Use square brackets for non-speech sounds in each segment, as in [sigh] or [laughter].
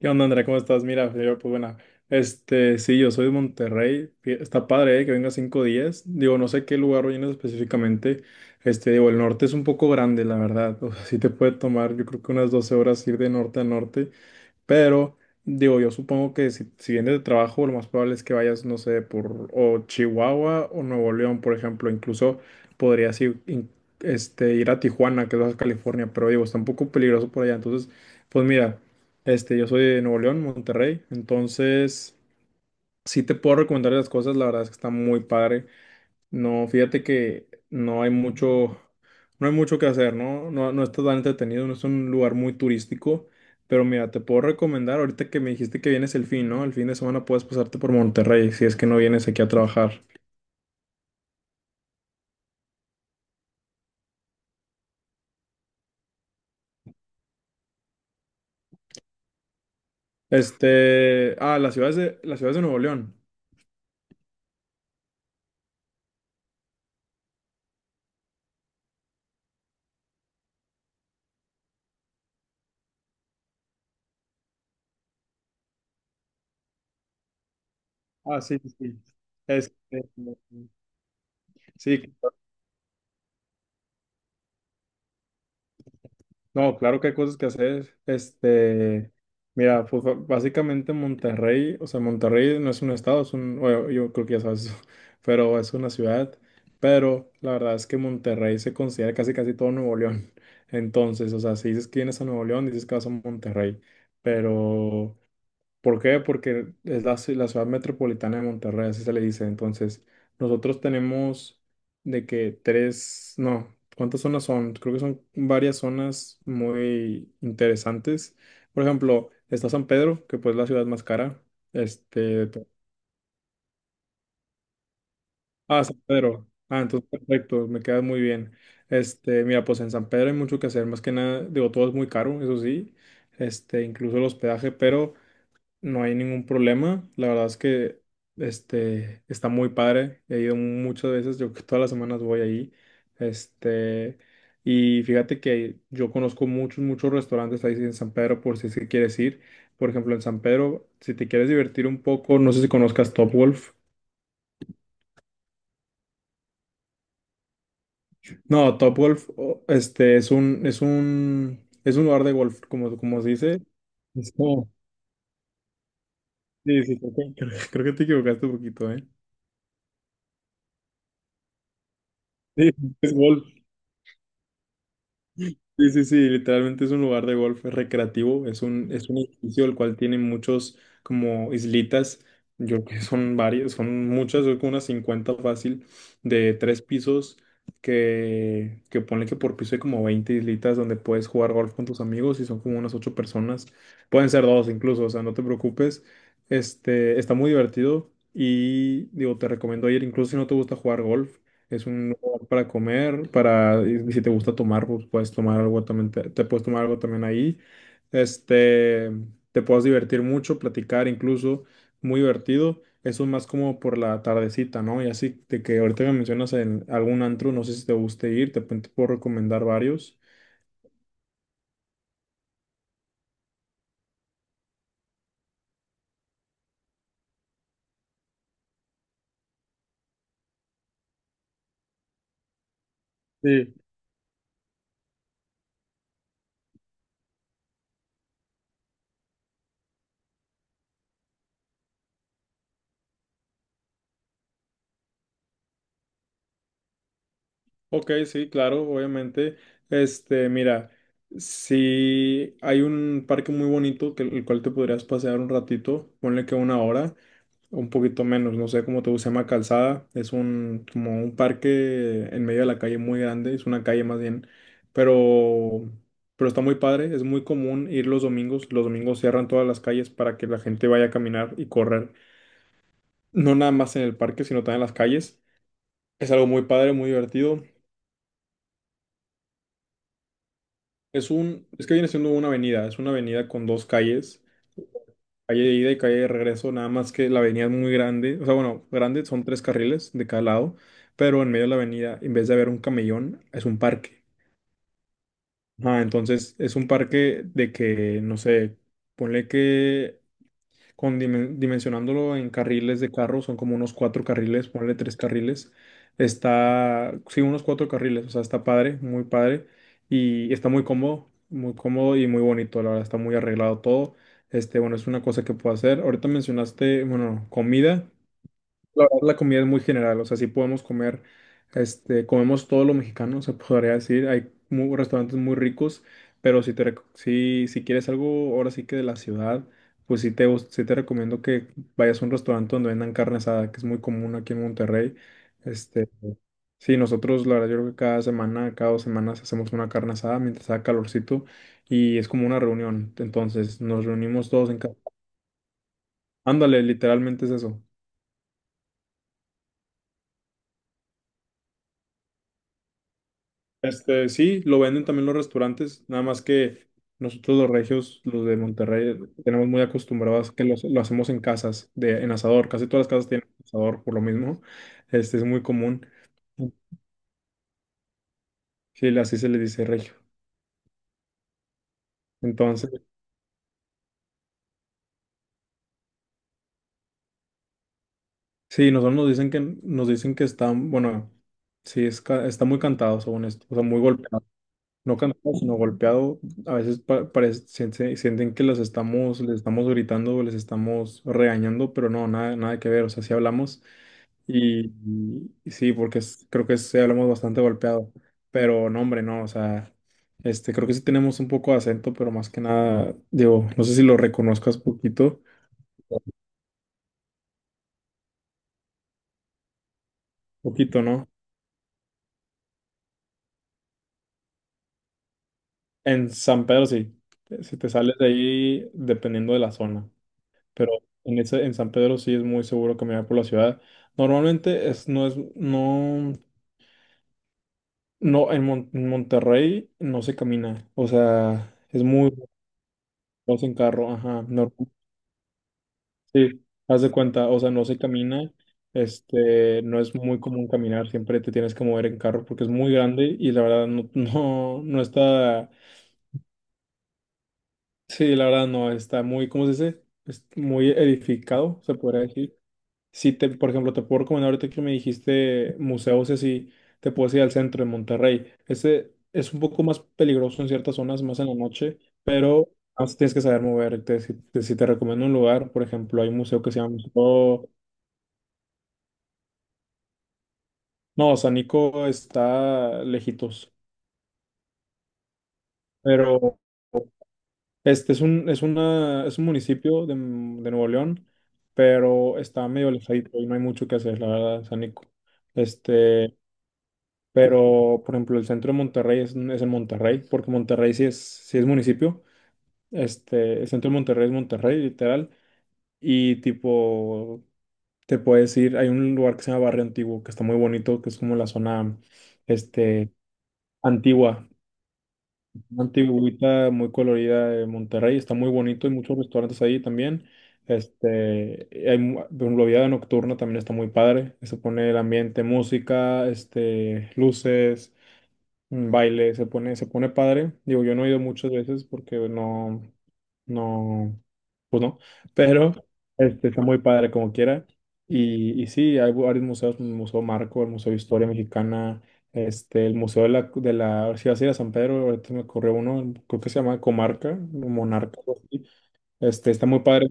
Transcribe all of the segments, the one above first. ¿Qué onda, Andrea? ¿Cómo estás? Mira, yo, pues bueno, sí, yo soy de Monterrey. Está padre, ¿eh?, que venga 5 días. Digo, no sé qué lugar vienes específicamente. Digo, el norte es un poco grande, la verdad. O sea, sí te puede tomar, yo creo que unas 12 horas ir de norte a norte. Pero digo, yo supongo que si vienes de trabajo, lo más probable es que vayas, no sé, por o Chihuahua o Nuevo León, por ejemplo. Incluso podrías ir, ir a Tijuana, que es Baja California, pero digo, está un poco peligroso por allá. Entonces, pues mira, yo soy de Nuevo León, Monterrey. Entonces, sí te puedo recomendar las cosas, la verdad es que está muy padre. No, fíjate que no hay mucho que hacer, ¿no? No, no está tan entretenido, no es un lugar muy turístico, pero mira, te puedo recomendar, ahorita que me dijiste que vienes el fin, ¿no? El fin de semana puedes pasarte por Monterrey si es que no vienes aquí a trabajar. Las ciudades de Nuevo León. Ah, sí, sí, sí. Este, sí, no, claro que hay cosas que hacer. Mira, pues básicamente Monterrey, o sea, Monterrey no es un estado, es un, bueno, yo creo que ya sabes eso, [laughs] pero es una ciudad. Pero la verdad es que Monterrey se considera casi casi todo Nuevo León. Entonces, o sea, si dices que vienes a Nuevo León, dices que vas a Monterrey. Pero, ¿por qué? Porque es la ciudad metropolitana de Monterrey, así se le dice. Entonces, nosotros tenemos de que tres, no, ¿cuántas zonas son? Creo que son varias zonas muy interesantes. Por ejemplo, está San Pedro, que pues es la ciudad más cara. Este, de to- San Pedro. Ah, entonces perfecto, me queda muy bien. Mira, pues en San Pedro hay mucho que hacer, más que nada, digo, todo es muy caro, eso sí, incluso el hospedaje, pero no hay ningún problema. La verdad es que está muy padre. He ido muchas veces, yo que todas las semanas voy ahí. Este, y fíjate que yo conozco muchos, muchos restaurantes ahí en San Pedro por si es que quieres ir. Por ejemplo, en San Pedro, si te quieres divertir un poco, no sé si conozcas Topgolf. No, Topgolf, es un lugar de golf, como se dice. Es como- Sí, sí, creo que te equivocaste un poquito, ¿eh? Sí, es golf. Sí, sí, sí, literalmente es un lugar de golf recreativo, es un edificio el cual tiene muchos como islitas, yo creo que son varias, son muchas, yo creo que unas 50 fácil, de tres pisos, que ponle que por piso hay como 20 islitas donde puedes jugar golf con tus amigos y son como unas ocho personas, pueden ser dos incluso, o sea, no te preocupes, está muy divertido y digo, te recomiendo ir, incluso si no te gusta jugar golf, es un para comer, para, y si te gusta tomar, pues puedes tomar algo también, te puedes tomar algo también ahí. Este, te puedes divertir mucho, platicar incluso, muy divertido. Eso más como por la tardecita, ¿no? Y así de que ahorita me mencionas en algún antro, no sé si te guste ir, te puedo recomendar varios. Sí. Ok, sí, claro, obviamente. Mira, si hay un parque muy bonito que el cual te podrías pasear un ratito, ponle que una hora. Un poquito menos, no sé cómo te gusta, se llama Calzada, es un, como un parque en medio de la calle muy grande, es una calle más bien, pero, pero está muy padre, es muy común ir los domingos cierran todas las calles para que la gente vaya a caminar y correr, no nada más en el parque, sino también en las calles, es algo muy padre, muy divertido, es que viene siendo una avenida, es una avenida con dos calles. Calle de ida y calle de regreso, nada más que la avenida es muy grande, o sea, bueno, grande, son tres carriles de cada lado, pero en medio de la avenida, en vez de haber un camellón, es un parque. Ah, entonces es un parque de que, no sé, ponle que con dimensionándolo en carriles de carro, son como unos cuatro carriles, ponle tres carriles. Está, sí, unos cuatro carriles, o sea, está padre, muy padre y está muy cómodo y muy bonito, la verdad, está muy arreglado todo. Bueno, es una cosa que puedo hacer. Ahorita mencionaste, bueno, comida. La verdad, la comida es muy general, o sea, sí podemos comer, comemos todo lo mexicano, se [laughs] podría decir, hay restaurantes muy ricos, pero si te, rec- si, si quieres algo ahora sí que de la ciudad, pues sí te recomiendo que vayas a un restaurante donde vendan carne asada, que es muy común aquí en Monterrey, este, sí, nosotros, la verdad, yo creo que cada semana, cada 2 semanas hacemos una carne asada mientras haga calorcito, y es como una reunión, entonces nos reunimos todos en casa, ándale, literalmente es eso. Sí, lo venden también los restaurantes, nada más que nosotros los regios, los de Monterrey, tenemos muy acostumbrados que lo hacemos en casas, en asador. Casi todas las casas tienen asador por lo mismo. Este es muy común. Sí, así se le dice regio. Entonces, sí, nosotros nos dicen que están, bueno, sí, está muy cantado según esto, o sea, muy golpeado. No cantado, sino golpeado, a veces sienten que les estamos gritando, o les estamos regañando, pero no, nada, nada que ver, o sea, sí hablamos y, y sí, porque creo que sí hablamos bastante golpeado, pero no, hombre, no, o sea, creo que sí tenemos un poco de acento, pero más que nada, digo, no sé si lo reconozcas poquito, poquito, ¿no? En San Pedro sí, si te sales de ahí, dependiendo de la zona. Pero en San Pedro sí es muy seguro caminar por la ciudad. Normalmente es, no, no, en, Mon- en Monterrey no se camina, o sea, es muy, vas en carro, ajá, no, sí, haz de cuenta, o sea, no se camina, no es muy común caminar, siempre te tienes que mover en carro porque es muy grande y la verdad no, [laughs] no, no está, sí, la verdad no, está muy, ¿cómo se dice? Es muy edificado, se podría decir. Si te, por ejemplo, te puedo recomendar ahorita que me dijiste museos y así, te puedes ir al centro de Monterrey. Este es un poco más peligroso en ciertas zonas, más en la noche, pero más tienes que saber moverte. Si te recomiendo un lugar, por ejemplo, hay un museo que se llama Museo... No, San Nico está lejitos, pero este es un, es una, es un municipio de Nuevo León, pero está medio alejadito y no hay mucho que hacer, la verdad, San Nico. Este, Pero, por ejemplo, el centro de Monterrey es en Monterrey, porque Monterrey sí es municipio. El centro de Monterrey es Monterrey, literal. Y tipo, te puedes ir, hay un lugar que se llama Barrio Antiguo, que está muy bonito, que es como la zona, este, antigua, antiguita, muy colorida de Monterrey. Está muy bonito, hay muchos restaurantes ahí también. Por ejemplo, vida nocturna también está muy padre. Se pone el ambiente, música, luces. Un baile, se pone padre. Digo, yo no he ido muchas veces porque no, no, pues no, pero está muy padre como quiera. Y sí, hay varios museos, el Museo Marco, el Museo de Historia Mexicana, el Museo de la, si vas a ir a San Pedro, ahorita me corrió uno, creo que se llama Comarca, o Monarca, algo así. Está muy padre.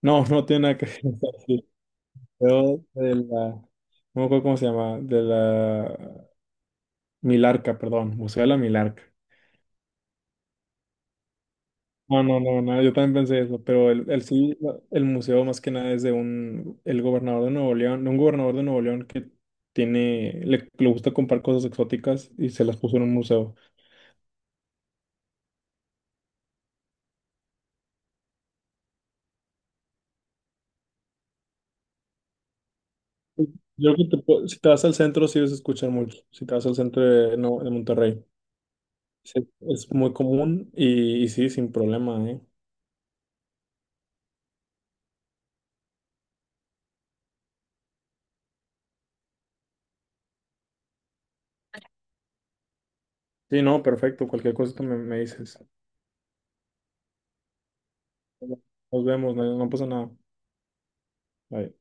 No, no tiene nada que ver. [laughs] Sí, pero no me acuerdo cómo se llama, de la Milarca, perdón, Museo de la Milarca. No, no, no, nada, yo también pensé eso, pero el sí, el museo más que nada es de el gobernador de Nuevo León, de un gobernador de Nuevo León que le gusta comprar cosas exóticas y se las puso en un museo. Yo creo que si te vas al centro sí vas a escuchar mucho, si te vas al centro de, no, de Monterrey. Sí, es muy común y sí, sin problema, ¿eh? Sí, no, perfecto, cualquier cosa que me dices. Nos vemos, no, no pasa nada. Bye.